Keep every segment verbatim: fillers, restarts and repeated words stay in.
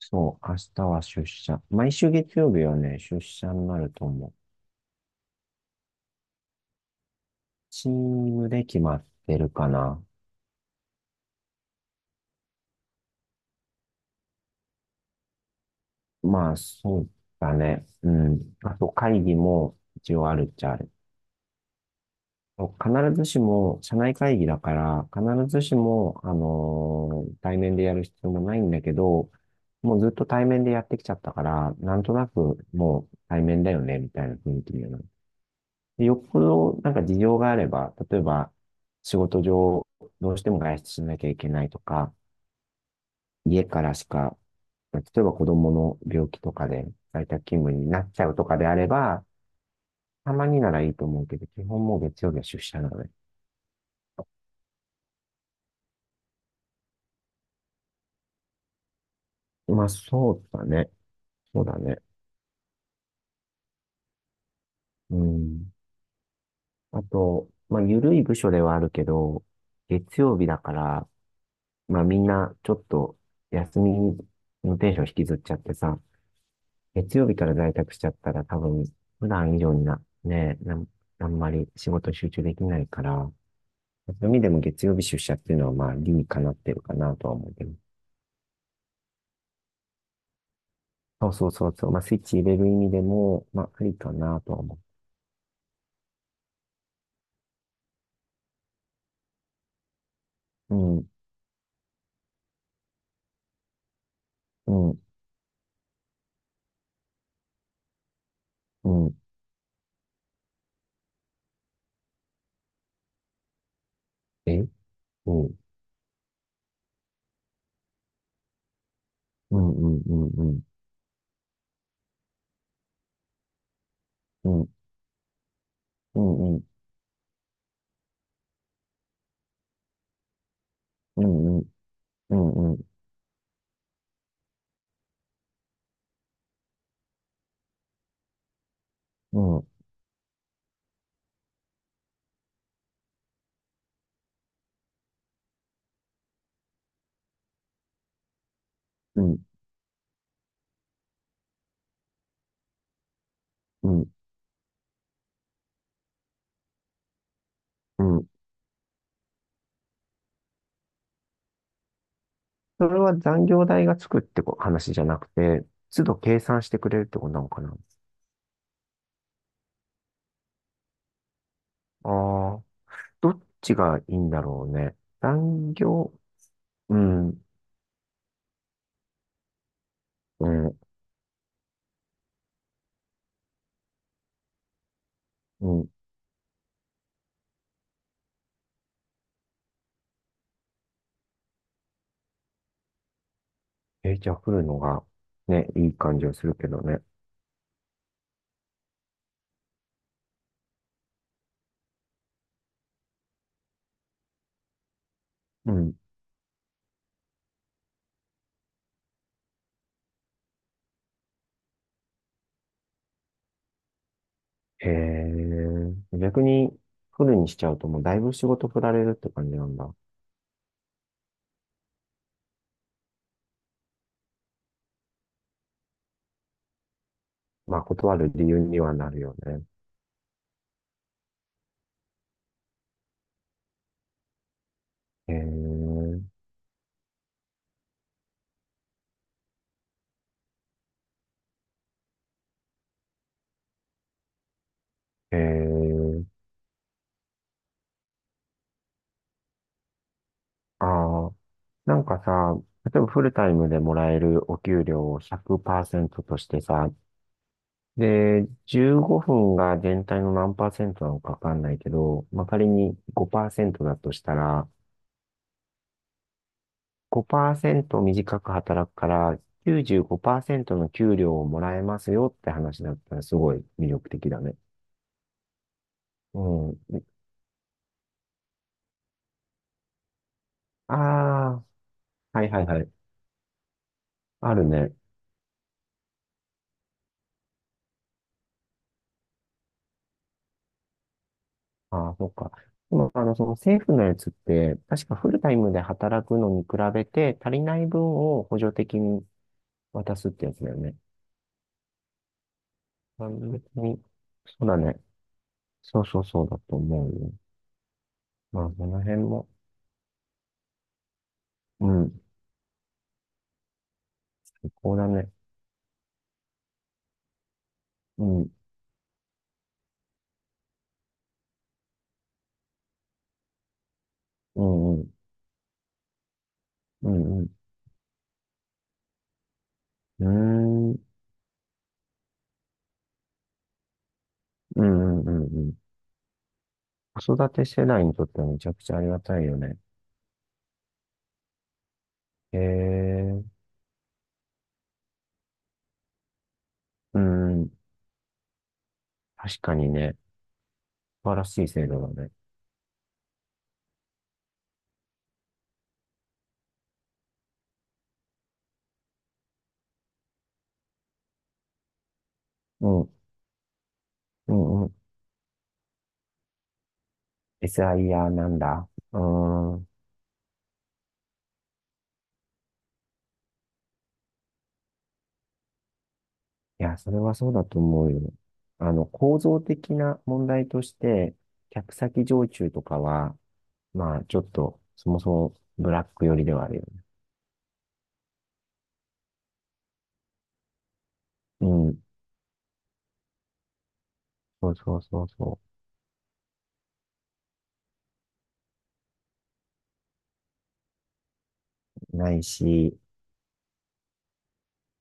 そう、明日は出社。毎週月曜日はね、出社になると思う。チームで決まってるかな。まあ、そうだね。うん。あと、会議も一応あるっちゃある。必ずしも、社内会議だから、必ずしも、あのー対面でやる必要もないんだけど、もうずっと対面でやってきちゃったから、なんとなくもう対面だよね、みたいな雰囲気にはなっで、よっぽどなんか事情があれば、例えば仕事上どうしても外出しなきゃいけないとか、家からしか、例えば子供の病気とかで在宅勤務になっちゃうとかであれば、たまにならいいと思うけど、基本もう月曜日は出社なので。まあそうだね。そうだね。うん。あと、まあ緩い部署ではあるけど、月曜日だから、まあみんなちょっと休みのテンション引きずっちゃってさ、月曜日から在宅しちゃったら多分、普段以上にな、ね、なん、あんまり仕事集中できないから、そういう意味でも月曜日出社っていうのはまあ理にかなってるかなとは思うけど。そうそうそうそう。まあスイッチ入れる意味でも、まあありかなとは思う。うん、うん、うん。えうん、うん、うん、うん、うん、うん、うん、うん、うん、うん、うん、うん、うん、うんうん。それは残業代がつくってこ話じゃなくて、都度計算してくれるってことなのかな。ああ。どっちがいいんだろうね。残業、うん、うん、うん。え、じゃあ降るのが、ね、いい感じはするけどね。うん。へえ、逆にフるにしちゃうともうだいぶ仕事振られるって感じなんだ。まあ断る理由にはなるよね。へえ、へえ、ああ、なんかさ、例えばフルタイムでもらえるお給料をひゃくパーセントとしてさ、で、じゅうごふんが全体の何パーセントなのかわかんないけど、まあ、仮にごパーセントだとしたら、ごパーセント短く働くからきゅうじゅうごパーセントの給料をもらえますよって話だったらすごい魅力的だね。うん。ああ、はいはいはい。あるね。ああ、そっか。でも、あの、その政府のやつって、確かフルタイムで働くのに比べて足りない分を補助的に渡すってやつだよね。あ別に、そうだね。そうそうそうだと思うよ。まあ、その辺も、うん、最高だね。うん、うん、うん、うん、うん、うーん、うん、うん、うんうん。子育て世代にとってはめちゃくちゃありがたいよね。へえ、うん、確かにね、素晴らしい制度だね。うん、うん、うん。エスアイアール なんだ。うーん。いや、それはそうだと思うよ。あの、構造的な問題として、客先常駐とかは、まあ、ちょっと、そもそもブラック寄りではあるよ。うん。そうそうそうそう。ないし、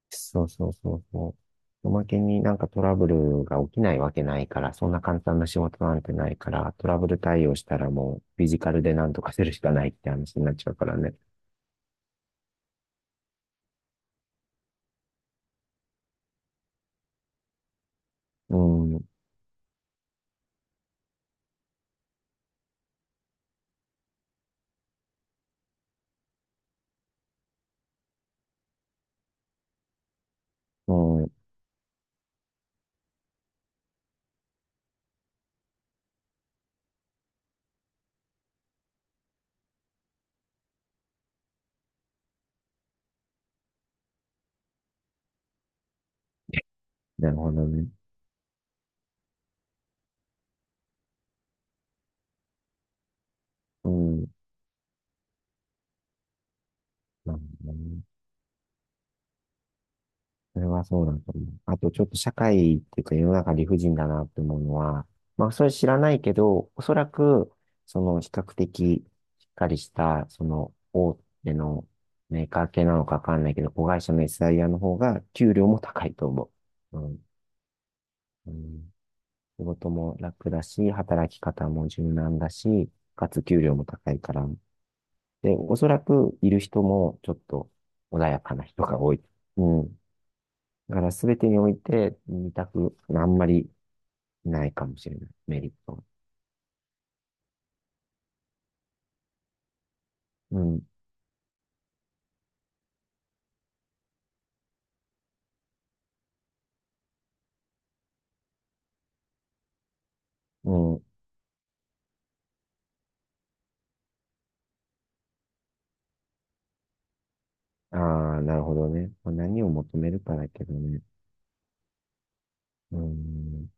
そうそうそうそう。おまけになんかトラブルが起きないわけないから、そんな簡単な仕事なんてないから、トラブル対応したらもうフィジカルでなんとかするしかないって話になっちゃうからね。うん。うん。なるほどね。うん。なるほどね。それはそうだと思う。あと、ちょっと社会っていうか世の中理不尽だなって思うのは、まあ、それ知らないけど、おそらく、その比較的しっかりした、その大手のメーカー系なのかわかんないけど、子会社の エスアイアール の方が給料も高いと思う。うん。うん、仕事も楽だし、働き方も柔軟だし、かつ給料も高いから。で、おそらくいる人もちょっと穏やかな人が多い。うん。だから全てにおいて二択、あんまりないかもしれない。メリットは。うん。うん。ああ、なるほどね。まあ、何を求めるかだけどね。うん。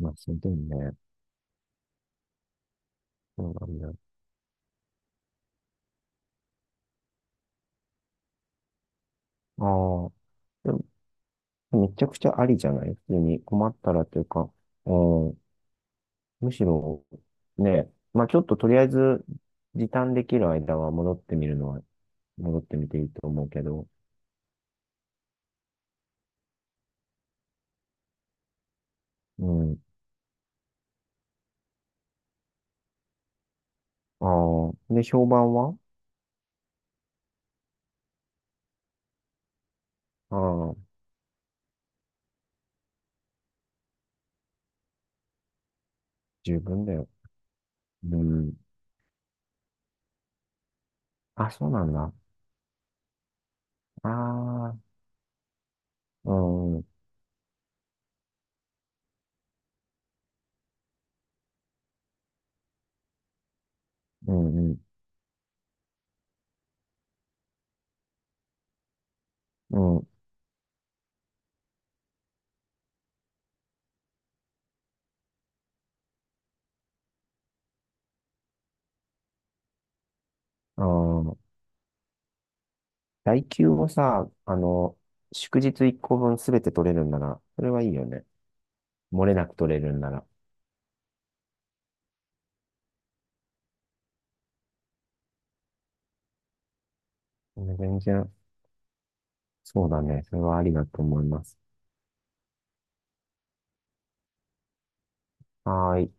まあ、その時にね。そうなんだ。ああ。でもめちゃくちゃありじゃない普通に困ったらというか、うん、むしろ、ね、まあちょっととりあえず時短できる間は戻ってみるのは、戻ってみていいと思うけど、うん。ああ。で、評判はああ、十分だよ。うん。あ、そうなんだ。ああ、うん、うん、うん、うん。うん、代休をさ、あの、祝日いっこぶんすべて取れるんなら、それはいいよね。漏れなく取れるんなら。ね全然、そうだね。それはありだと思います。はーい。